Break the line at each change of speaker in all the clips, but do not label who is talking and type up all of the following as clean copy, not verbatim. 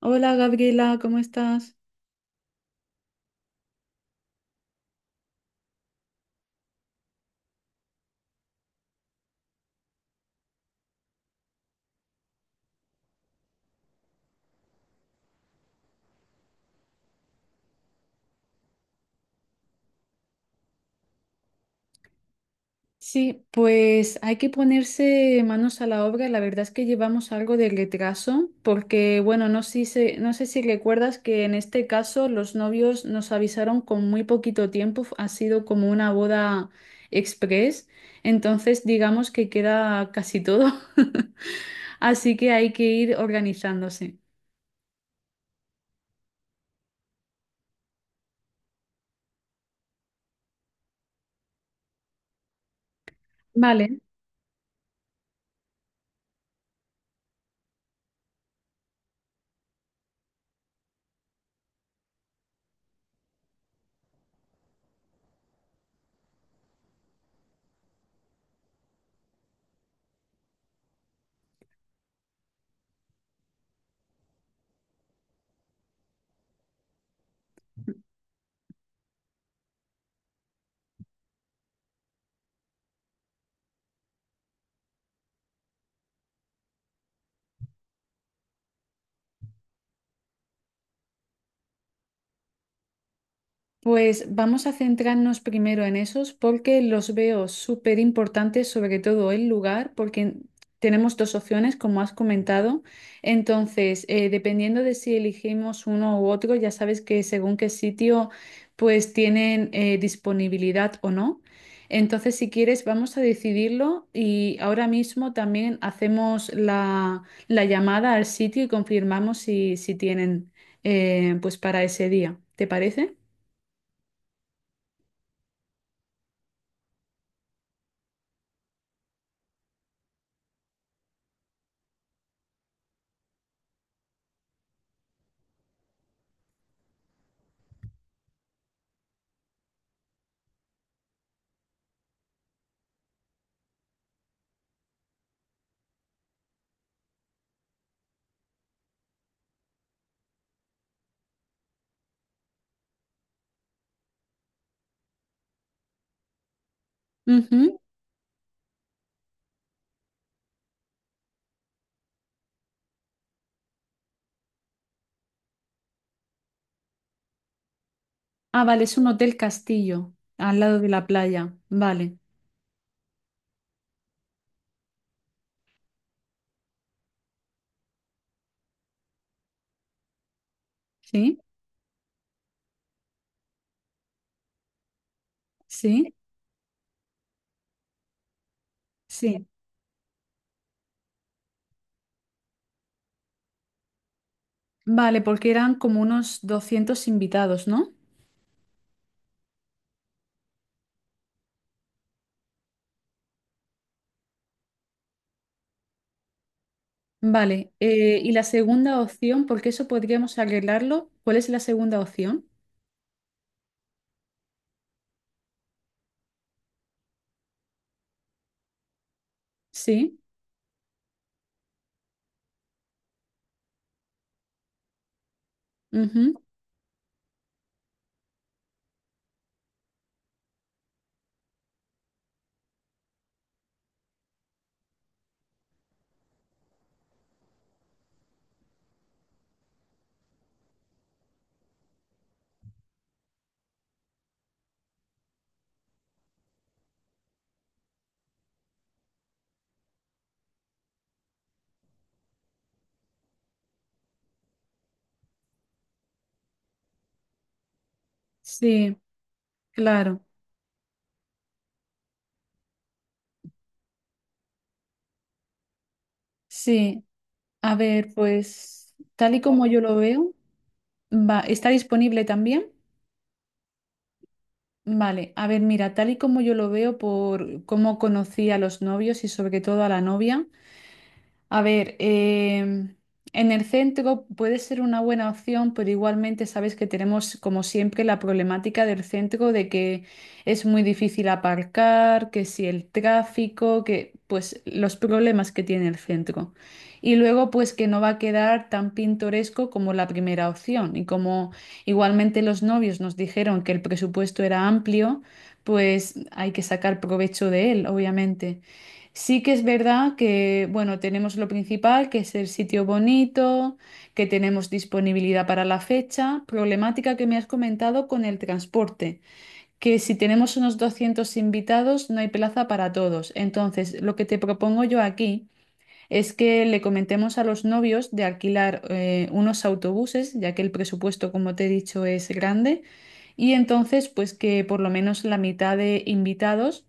Hola, Gabriela, ¿cómo estás? Sí, pues hay que ponerse manos a la obra. La verdad es que llevamos algo de retraso porque, bueno, no sé si recuerdas que en este caso los novios nos avisaron con muy poquito tiempo. Ha sido como una boda express. Entonces, digamos que queda casi todo. Así que hay que ir organizándose. Vale. Pues vamos a centrarnos primero en esos porque los veo súper importantes, sobre todo el lugar, porque tenemos dos opciones, como has comentado. Entonces, dependiendo de si elegimos uno u otro, ya sabes que según qué sitio, pues tienen disponibilidad o no. Entonces, si quieres, vamos a decidirlo y ahora mismo también hacemos la llamada al sitio y confirmamos si, si tienen pues para ese día. ¿Te parece? Ujú. Ah, vale, es un hotel castillo, al lado de la playa. Vale, sí, sí, sí. Vale, porque eran como unos 200 invitados, ¿no? Vale, y la segunda opción, porque eso podríamos arreglarlo, ¿cuál es la segunda opción? Sí, ujú. Sí, claro, sí. A ver, pues tal y como yo lo veo, va, ¿está disponible también? Vale, a ver, mira, tal y como yo lo veo por cómo conocí a los novios y sobre todo a la novia, a ver, en el centro puede ser una buena opción, pero igualmente sabes que tenemos, como siempre, la problemática del centro, de que es muy difícil aparcar, que si el tráfico, que pues los problemas que tiene el centro. Y luego, pues que no va a quedar tan pintoresco como la primera opción. Y como igualmente los novios nos dijeron que el presupuesto era amplio, pues hay que sacar provecho de él, obviamente. Sí que es verdad que, bueno, tenemos lo principal, que es el sitio bonito, que tenemos disponibilidad para la fecha, problemática que me has comentado con el transporte, que si tenemos unos 200 invitados no hay plaza para todos. Entonces, lo que te propongo yo aquí es que le comentemos a los novios de alquilar unos autobuses, ya que el presupuesto, como te he dicho, es grande, y entonces, pues que por lo menos la mitad de invitados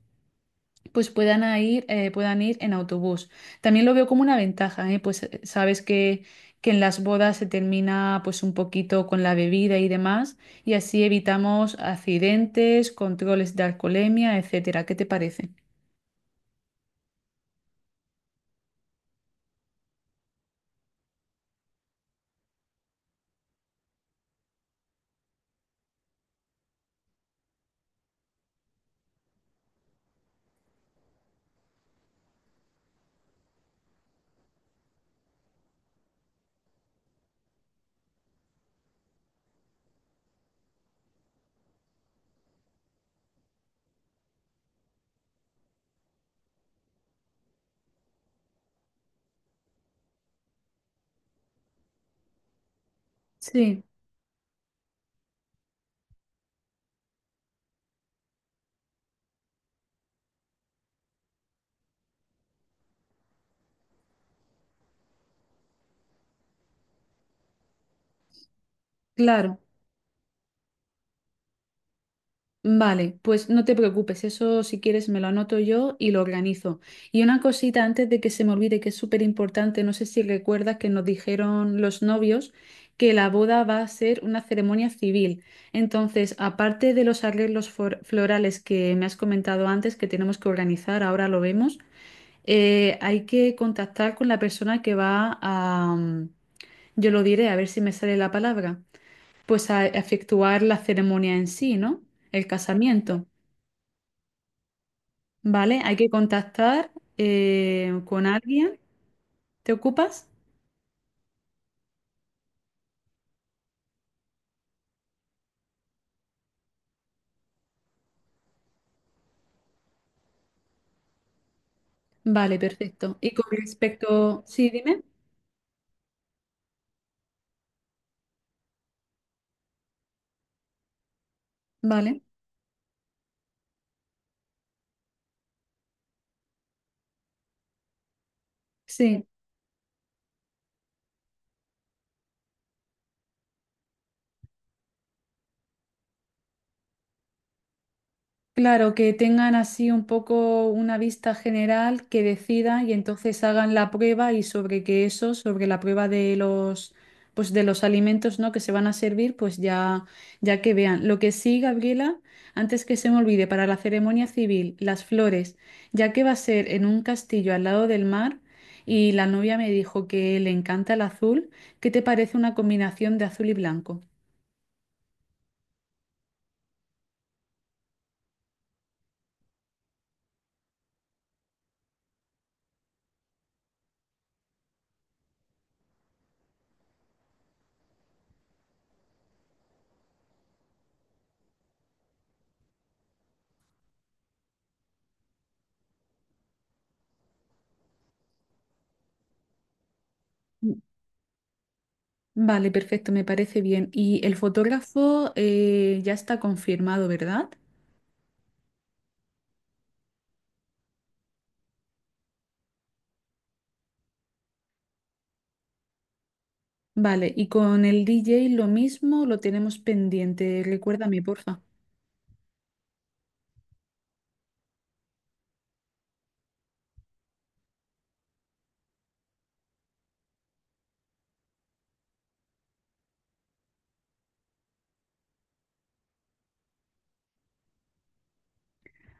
pues puedan a ir, puedan ir en autobús. También lo veo como una ventaja, ¿eh? Pues sabes que en las bodas se termina pues un poquito con la bebida y demás, y así evitamos accidentes, controles de alcoholemia, etcétera. ¿Qué te parece? Sí, claro. Vale, pues no te preocupes, eso si quieres me lo anoto yo y lo organizo. Y una cosita antes de que se me olvide, que es súper importante, no sé si recuerdas que nos dijeron los novios que la boda va a ser una ceremonia civil. Entonces, aparte de los arreglos florales que me has comentado antes que tenemos que organizar, ahora lo vemos, hay que contactar con la persona que va a, yo lo diré, a ver si me sale la palabra, pues a efectuar la ceremonia en sí, ¿no? El casamiento. Vale, hay que contactar con alguien. ¿Te ocupas? Vale, perfecto. Y con respecto, sí, dime. Vale, sí. Claro, que tengan así un poco una vista general, que decidan y entonces hagan la prueba y sobre que eso, sobre la prueba de los, pues de los alimentos, ¿no?, que se van a servir, pues ya, ya que vean. Lo que sí, Gabriela, antes que se me olvide, para la ceremonia civil, las flores, ya que va a ser en un castillo al lado del mar y la novia me dijo que le encanta el azul, ¿qué te parece una combinación de azul y blanco? Vale, perfecto, me parece bien. Y el fotógrafo ya está confirmado, ¿verdad? Vale, y con el DJ lo mismo, lo tenemos pendiente. Recuérdame, porfa.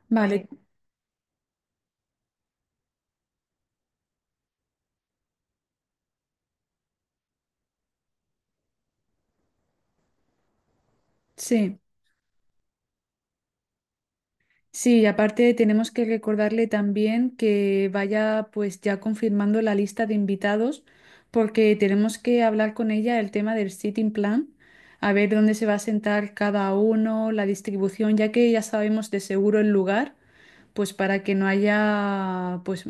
Vale, vale. Sí. Sí, y aparte tenemos que recordarle también que vaya pues ya confirmando la lista de invitados porque tenemos que hablar con ella el tema del sitting plan, a ver dónde se va a sentar cada uno, la distribución, ya que ya sabemos de seguro el lugar, pues para que no haya, pues,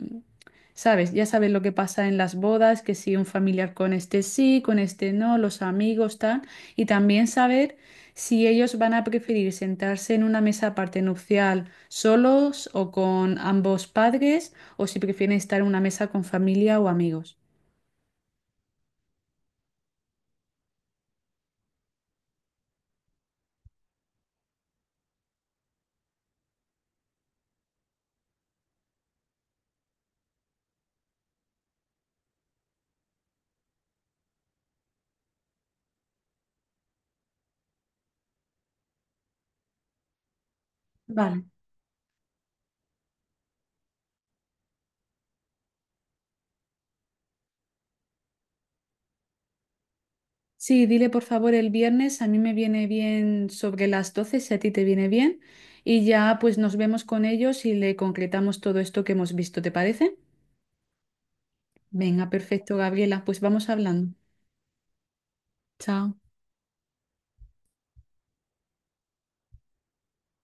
sabes, ya sabes lo que pasa en las bodas, que si un familiar con este sí, con este no, los amigos, tal, y también saber si ellos van a preferir sentarse en una mesa aparte nupcial solos o con ambos padres, o si prefieren estar en una mesa con familia o amigos. Vale. Sí, dile por favor el viernes, a mí me viene bien sobre las 12. Si a ti te viene bien, y ya pues nos vemos con ellos y le concretamos todo esto que hemos visto, ¿te parece? Venga, perfecto, Gabriela, pues vamos hablando. Chao.